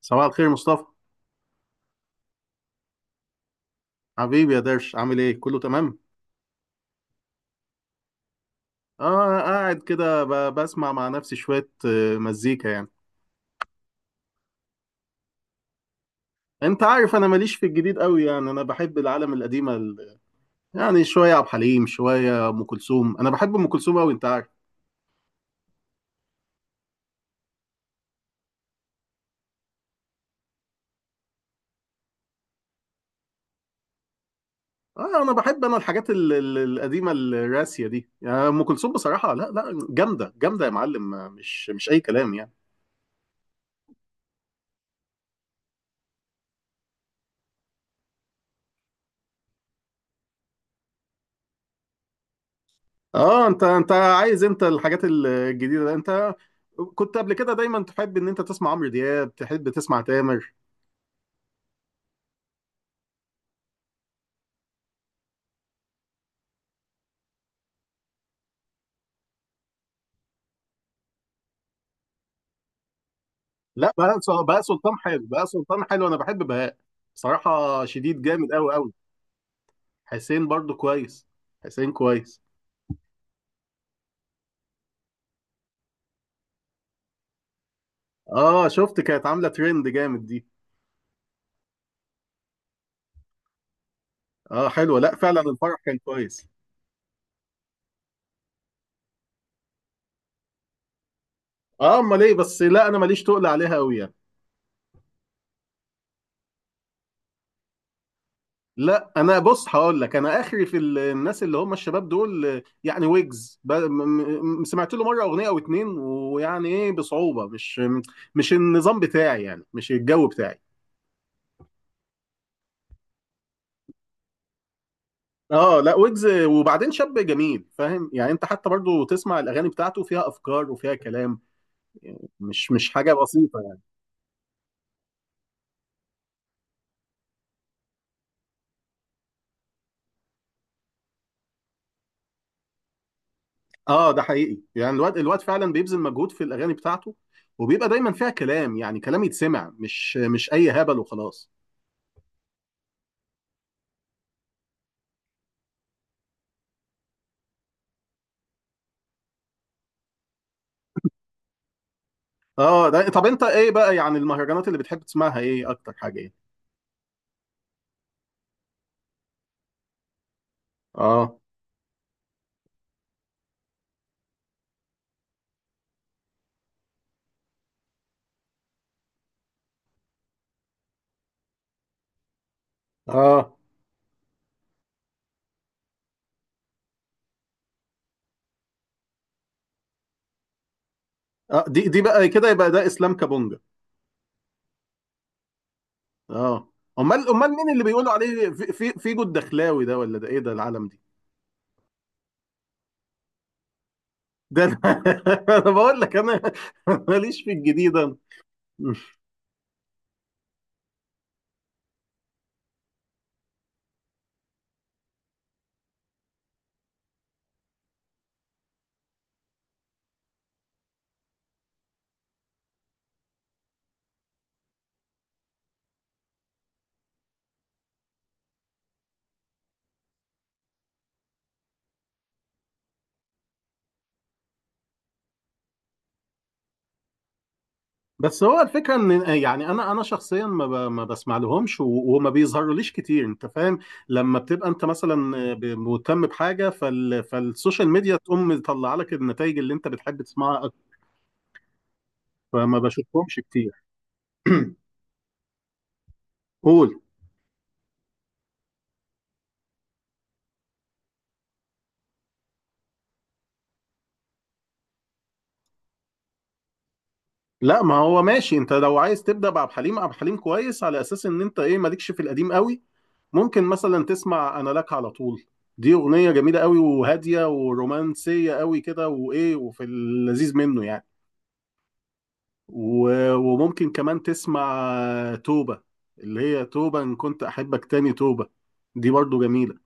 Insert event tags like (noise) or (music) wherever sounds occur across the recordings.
صباح الخير مصطفى. حبيبي يا درش، عامل ايه؟ كله تمام. اه، قاعد كده بسمع مع نفسي شوية، مزيكا يعني. انت عارف انا ماليش في الجديد قوي، يعني انا بحب العالم القديمة. يعني شوية عبد الحليم، شوية ام كلثوم. انا بحب ام كلثوم قوي انت عارف. اه انا بحب انا الحاجات القديمة الراسية دي يعني. ام كلثوم بصراحة، لا لا، جامدة جامدة يا معلم، مش اي كلام يعني. اه انت عايز امتى الحاجات الجديده ده؟ انت كنت قبل كده دايما تحب ان انت تسمع عمرو دياب، تحب تسمع تامر. لا، بهاء سلطان حلو، بهاء سلطان حلو، انا بحب بهاء. بصراحه شديد، جامد قوي قوي. حسين برضو كويس. حسين كويس. اه شفت؟ كانت عامله ترند جامد دي. اه حلوه، لا فعلا الفرح كان كويس. اه امال ايه؟ بس لا، انا ماليش تقل عليها قوي يعني. لا انا بص هقول لك، انا اخري في الناس اللي هم الشباب دول، يعني ويجز، سمعت له مره اغنيه او اتنين، ويعني ايه بصعوبه، مش النظام بتاعي يعني، مش الجو بتاعي. اه لا، ويجز وبعدين شاب جميل فاهم يعني، انت حتى برضو تسمع الاغاني بتاعته فيها افكار وفيها كلام، مش حاجه بسيطه يعني. اه ده حقيقي يعني، الواد الواد فعلا بيبذل مجهود في الاغاني بتاعته، وبيبقى دايما فيها كلام، يعني كلام يتسمع، مش اي هبل وخلاص. اه ده طب انت ايه بقى؟ يعني المهرجانات اللي بتحب تسمعها ايه؟ اكتر حاجه ايه؟ اه اه اه، دي بقى كده يبقى ده اسلام كابونجا. اه امال مين اللي بيقولوا عليه في في فيجو الدخلاوي ده، ولا ده ايه ده العالم دي؟ ده انا (laughs) أنا بقول لك انا (laughs) ماليش في الجديد انا. بس هو الفكره ان، يعني انا شخصيا ما بسمع لهمش، وما بيظهروليش كتير انت فاهم. لما بتبقى انت مثلا مهتم بحاجه فالسوشيال ميديا، تقوم مطلعه لك النتائج اللي انت بتحب تسمعها، فما بشوفهمش كتير. (clears throat) قول. لا ما هو ماشي، انت لو عايز تبدا بعبد الحليم، عبد الحليم كويس على اساس ان انت ايه مالكش في القديم قوي. ممكن مثلا تسمع انا لك على طول، دي اغنيه جميله قوي وهاديه ورومانسيه قوي كده وايه، وفي اللذيذ منه يعني. وممكن كمان تسمع توبه، اللي هي توبه ان كنت احبك تاني، توبه. دي برضو جميله.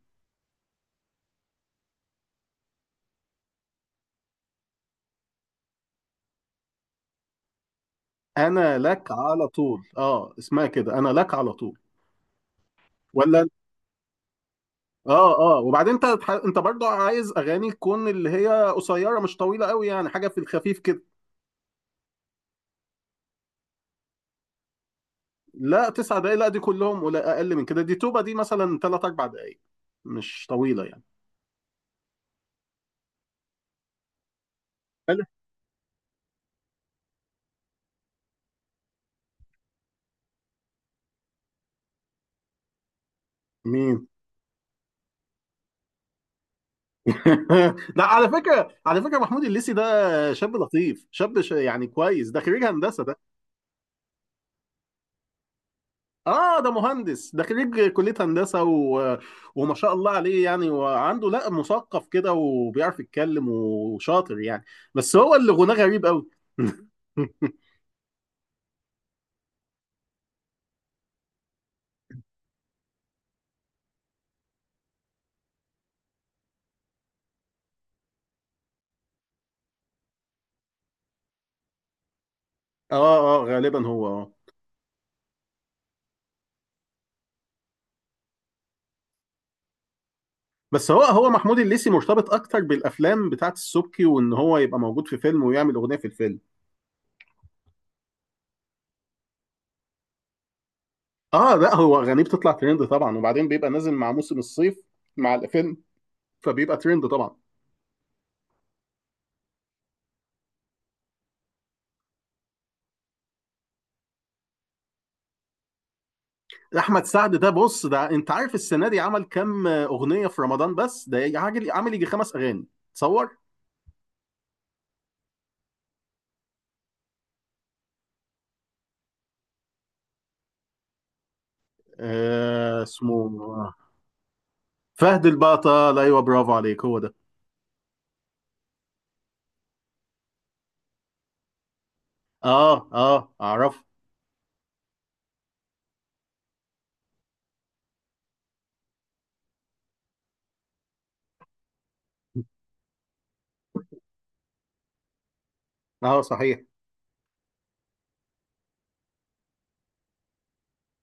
انا لك على طول، اه اسمها كده، انا لك على طول. ولا. اه اه وبعدين انت برضو عايز اغاني تكون اللي هي قصيره، مش طويله قوي يعني، حاجه في الخفيف كده. لا، 9 دقايق لا، دي كلهم ولا اقل من كده، دي توبه دي مثلا ثلاث اربع دقايق، مش طويله يعني. حلو. مين؟ (laughs) لا، على فكره، على فكره محمود الليسي ده شاب لطيف، شاب يعني كويس، ده خريج هندسه ده. اه ده مهندس، ده خريج كلية هندسة و... وما شاء الله عليه يعني، وعنده، لا مثقف كده وبيعرف يتكلم وشاطر يعني. بس هو اللي غناه غريب قوي. (laughs) اه اه غالبا هو، بس هو محمود الليثي مرتبط اكتر بالافلام بتاعت السبكي، وان هو يبقى موجود في فيلم ويعمل اغنيه في الفيلم. اه لا، هو اغانيه بتطلع ترند طبعا، وبعدين بيبقى نازل مع موسم الصيف، مع الفيلم، فبيبقى ترند طبعا. احمد سعد ده، بص ده انت عارف السنه دي عمل كام اغنيه في رمضان؟ بس ده عامل يجي خمس اغاني، تصور. اسمه فهد البطل، ايوه برافو عليك، هو ده. اه اه اعرف. اه صحيح.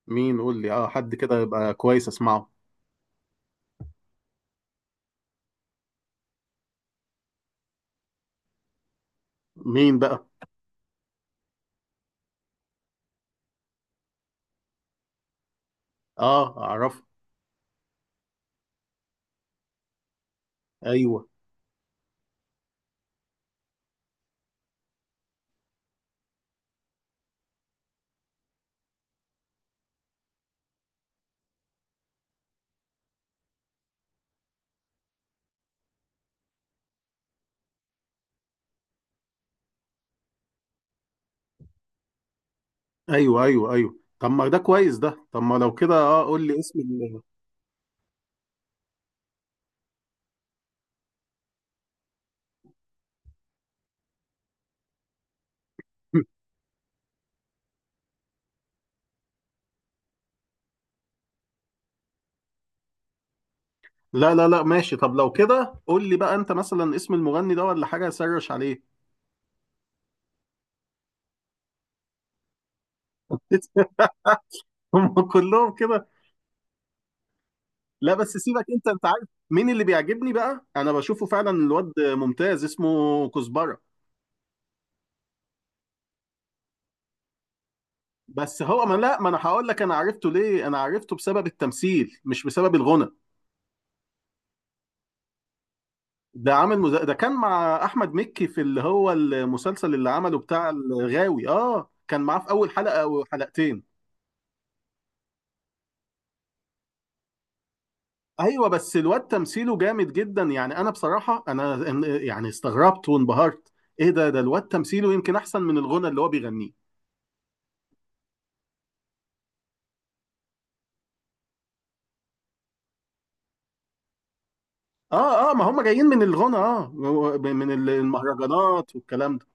مين؟ قول لي، اه حد كده يبقى كويس اسمعه. مين بقى؟ اه اعرف. ايوه ايوه ايوه ايوه، طب ما ده كويس ده، طب ما لو كده، اه قول لي اسم (laughs) لا لا لا، ماشي، طب لو كده قول لي بقى انت مثلا اسم المغني ده ولا حاجه سرش عليه. هم (laughs) كلهم كده. لا بس سيبك، انت عارف مين اللي بيعجبني بقى، انا بشوفه فعلا الواد ممتاز، اسمه كزبره. بس هو ما، لا، ما انا هقول لك، انا عرفته ليه؟ انا عرفته بسبب التمثيل مش بسبب الغنى. ده كان مع احمد مكي في اللي هو المسلسل اللي عمله بتاع الغاوي، اه كان معاه في اول حلقه او حلقتين. ايوه بس الواد تمثيله جامد جدا يعني، انا بصراحه، انا يعني استغربت وانبهرت. ايه ده الواد تمثيله يمكن احسن من الغنى اللي هو بيغنيه. اه اه ما هم جايين من الغنى، من المهرجانات والكلام ده.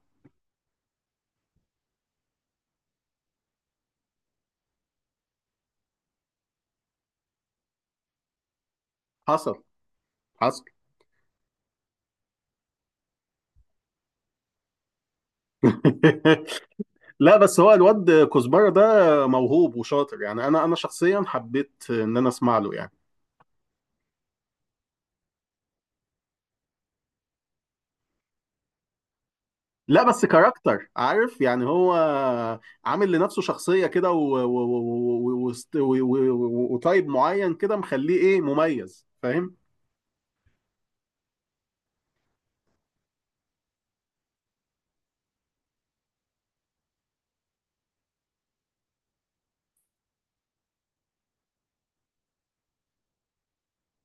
حصل، حصل. (laughs) لا بس هو الواد كزبره ده موهوب وشاطر يعني، انا شخصيا حبيت ان انا اسمع له يعني. لا بس كاركتر، عارف يعني، هو عامل لنفسه شخصيه كده، وطيب معين كده مخليه ايه مميز، فاهم؟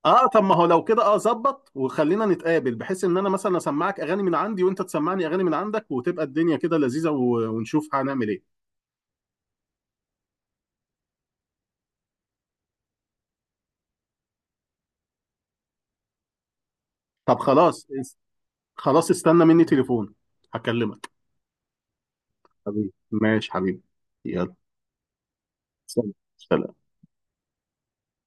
اه طب ما هو لو كده اه ظبط، وخلينا نتقابل بحيث ان انا مثلا اسمعك اغاني من عندي، وانت تسمعني اغاني من عندك، وتبقى الدنيا كده لذيذة، ونشوف هنعمل ايه. طب خلاص خلاص استنى مني تليفون، هكلمك. حبيبي ماشي حبيبي، يلا. سلام، سلام.